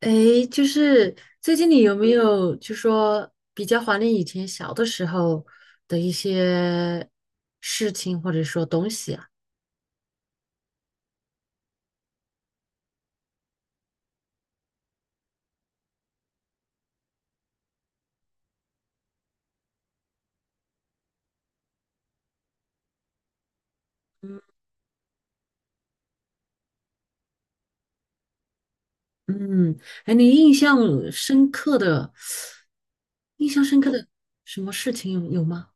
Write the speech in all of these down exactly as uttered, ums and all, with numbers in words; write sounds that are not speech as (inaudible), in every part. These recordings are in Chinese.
诶，就是最近你有没有就说比较怀念以前小的时候的一些事情或者说东西啊？嗯，哎，你印象深刻的、印象深刻的什么事情有有吗？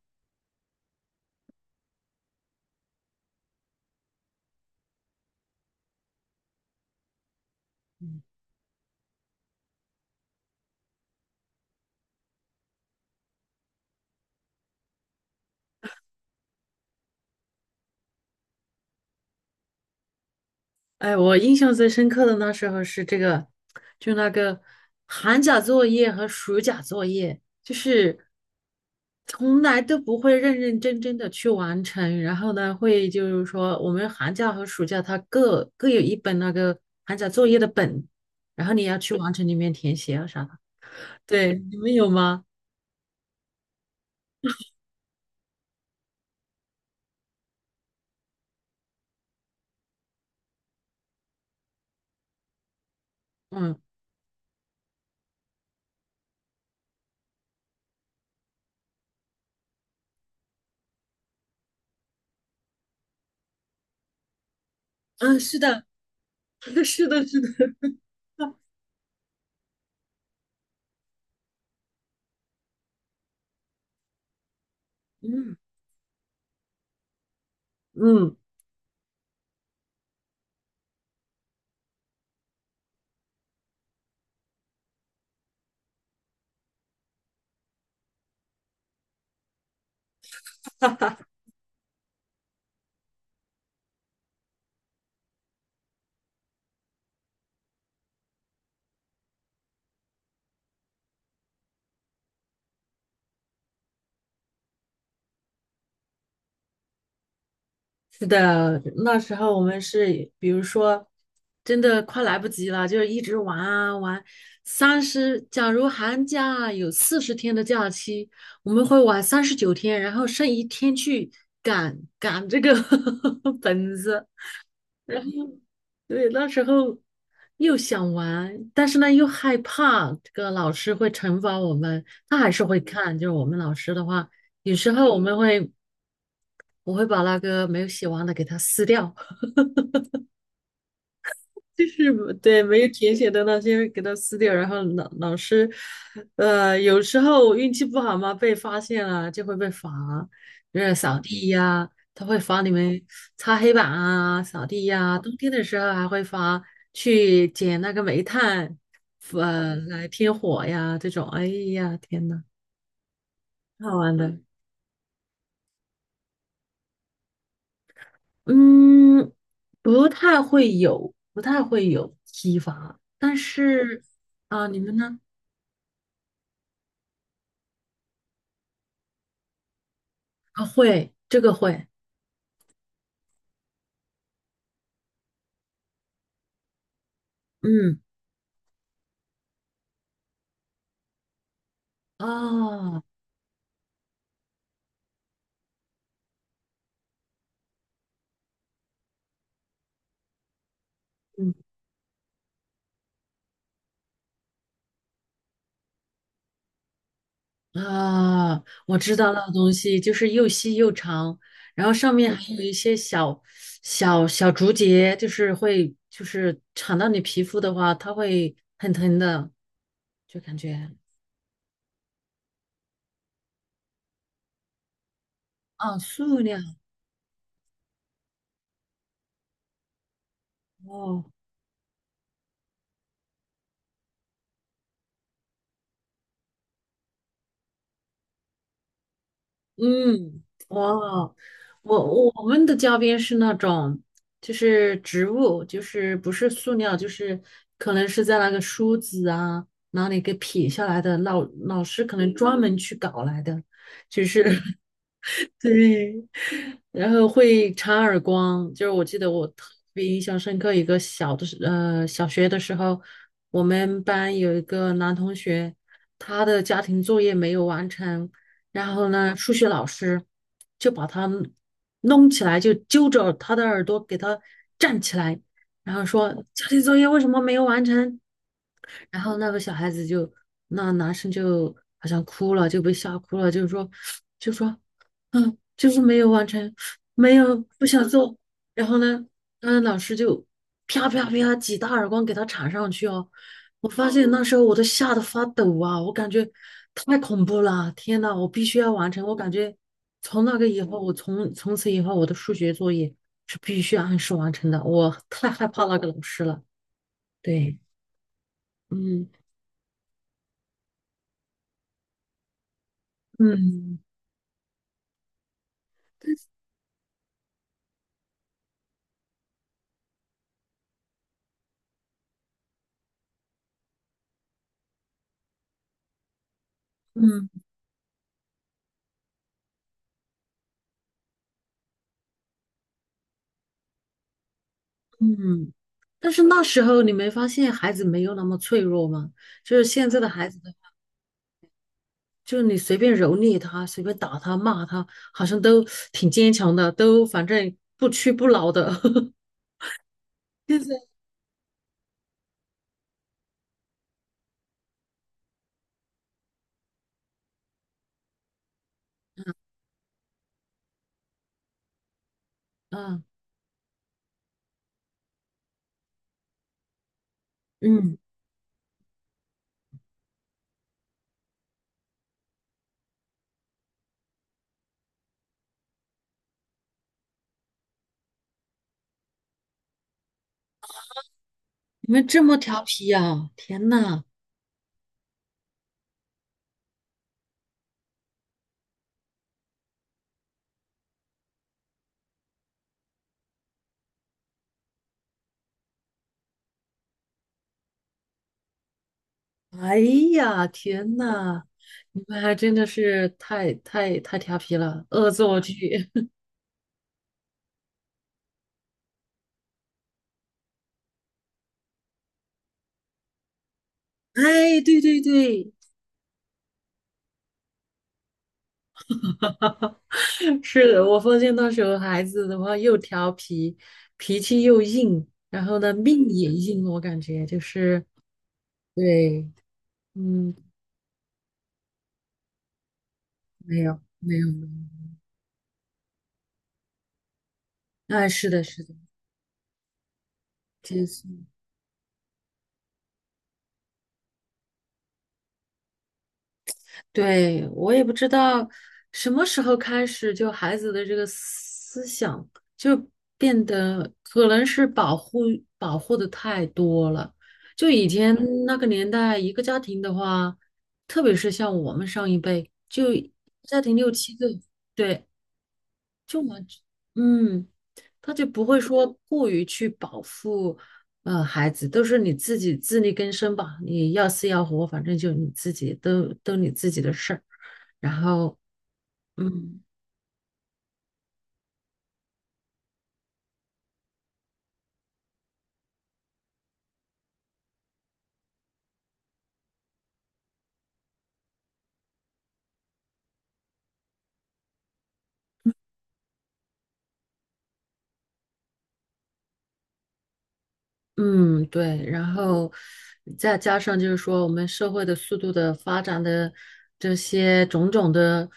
哎，我印象最深刻的那时候是这个，就那个寒假作业和暑假作业，就是从来都不会认认真真的去完成。然后呢，会就是说我们寒假和暑假它各各有一本那个寒假作业的本，然后你要去完成里面填写啊啥的。对，你们有吗？嗯嗯，啊是的，(laughs) 是的，是的，嗯嗯。是的，那时候我们是，比如说，真的快来不及了，就是一直玩啊玩。三十，假如寒假有四十天的假期，我们会玩三十九天，然后剩一天去赶赶这个 (laughs) 本子。对，那时候又想玩，但是呢又害怕这个老师会惩罚我们，他还是会看。就是我们老师的话，有时候我们会，我会把那个没有写完的给他撕掉。就是对没有填写的那些给它撕掉，然后老老师，呃，有时候运气不好嘛，被发现了就会被罚，就是扫地呀，他会罚你们擦黑板啊、扫地呀，冬天的时候还会罚去捡那个煤炭，呃，来添火呀这种。哎呀，天呐，好玩的，嗯，不太会有，不太会有体罚，但是啊，你们呢？啊，会，这个会，嗯，哦，嗯啊，我知道那东西就是又细又长，然后上面还有一些小小小竹节，就是会就是缠到你皮肤的话，它会很疼的，就感觉啊，塑料，哦，嗯，哇，我我们的教鞭是那种，就是植物，就是不是塑料，就是可能是在那个梳子啊哪里给撇下来的，老老师可能专门去搞来的，就是 (laughs)。(laughs) 对，然后会插耳光，就是我记得我特别印象深刻，一个小的时呃小学的时候，我们班有一个男同学，他的家庭作业没有完成，然后呢，数学老师就把他弄起来，就揪着他的耳朵给他站起来，然后说家庭作业为什么没有完成？然后那个小孩子就，那男生就好像哭了，就被吓哭了，就是说，就说嗯，就是没有完成，没有不想做。然后呢，嗯，老师就啪啪啪几大耳光给他铲上去哦。我发现那时候我都吓得发抖啊，我感觉太恐怖了，天呐，我必须要完成。我感觉从那个以后，我从从此以后我的数学作业是必须按时完成的。我 (laughs) 太害怕那个老师了。对，嗯嗯嗯嗯。但是那时候你没发现孩子没有那么脆弱吗？就是现在的孩子。就是你随便蹂躏他，随便打他、骂他，好像都挺坚强的，都反正不屈不挠的。(laughs) 现在啊，嗯嗯，你们这么调皮呀、天呐，哎呀，天呐，你们还真的是太太太调皮了，恶作剧。(laughs) 哎，对对对，(laughs) 是的，我发现那时候孩子的话又调皮，脾气又硬，然后呢命也硬，我感觉就是对，嗯。没有，没有，没有。哎，是的，是的，接送。对，我也不知道什么时候开始，就孩子的这个思想就变得可能是保护保护的太多了。就以前嗯那个年代，一个家庭的话，特别是像我们上一辈，就家庭六七个，对，就我嗯，他就不会说过于去保护，呃，孩子，都是你自己自力更生吧，你要死要活，反正就你自己都都你自己的事儿。然后，嗯，嗯，对，然后再加上就是说，我们社会的速度的发展的这些种种的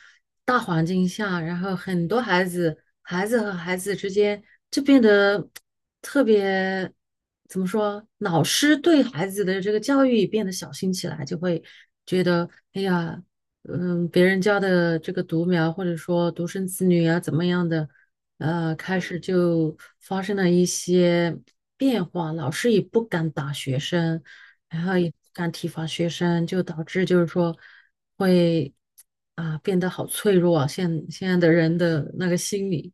大环境下，然后很多孩子，孩子和孩子之间就变得特别，怎么说，老师对孩子的这个教育也变得小心起来，就会觉得，哎呀，嗯，别人家的这个独苗或者说独生子女啊，怎么样的。呃，开嗯始就发生了一些变化，老师也不敢打学生，然后也不敢体罚学生，就导致就是说会啊、变得好脆弱啊，现现在的人的那个心理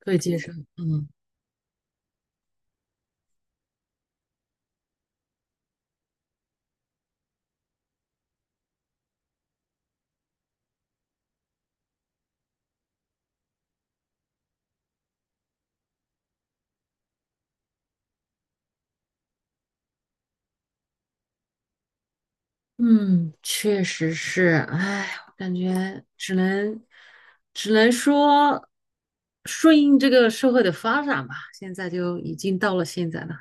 可以接受，嗯嗯，确实是，哎，我感觉只能只能说顺应这个社会的发展吧，现在就已经到了现在了，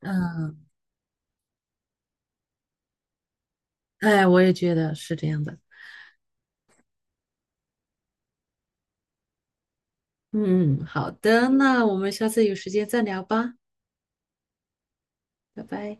嗯，哎，我也觉得是这样的。嗯，好的，那我们下次有时间再聊吧，拜拜。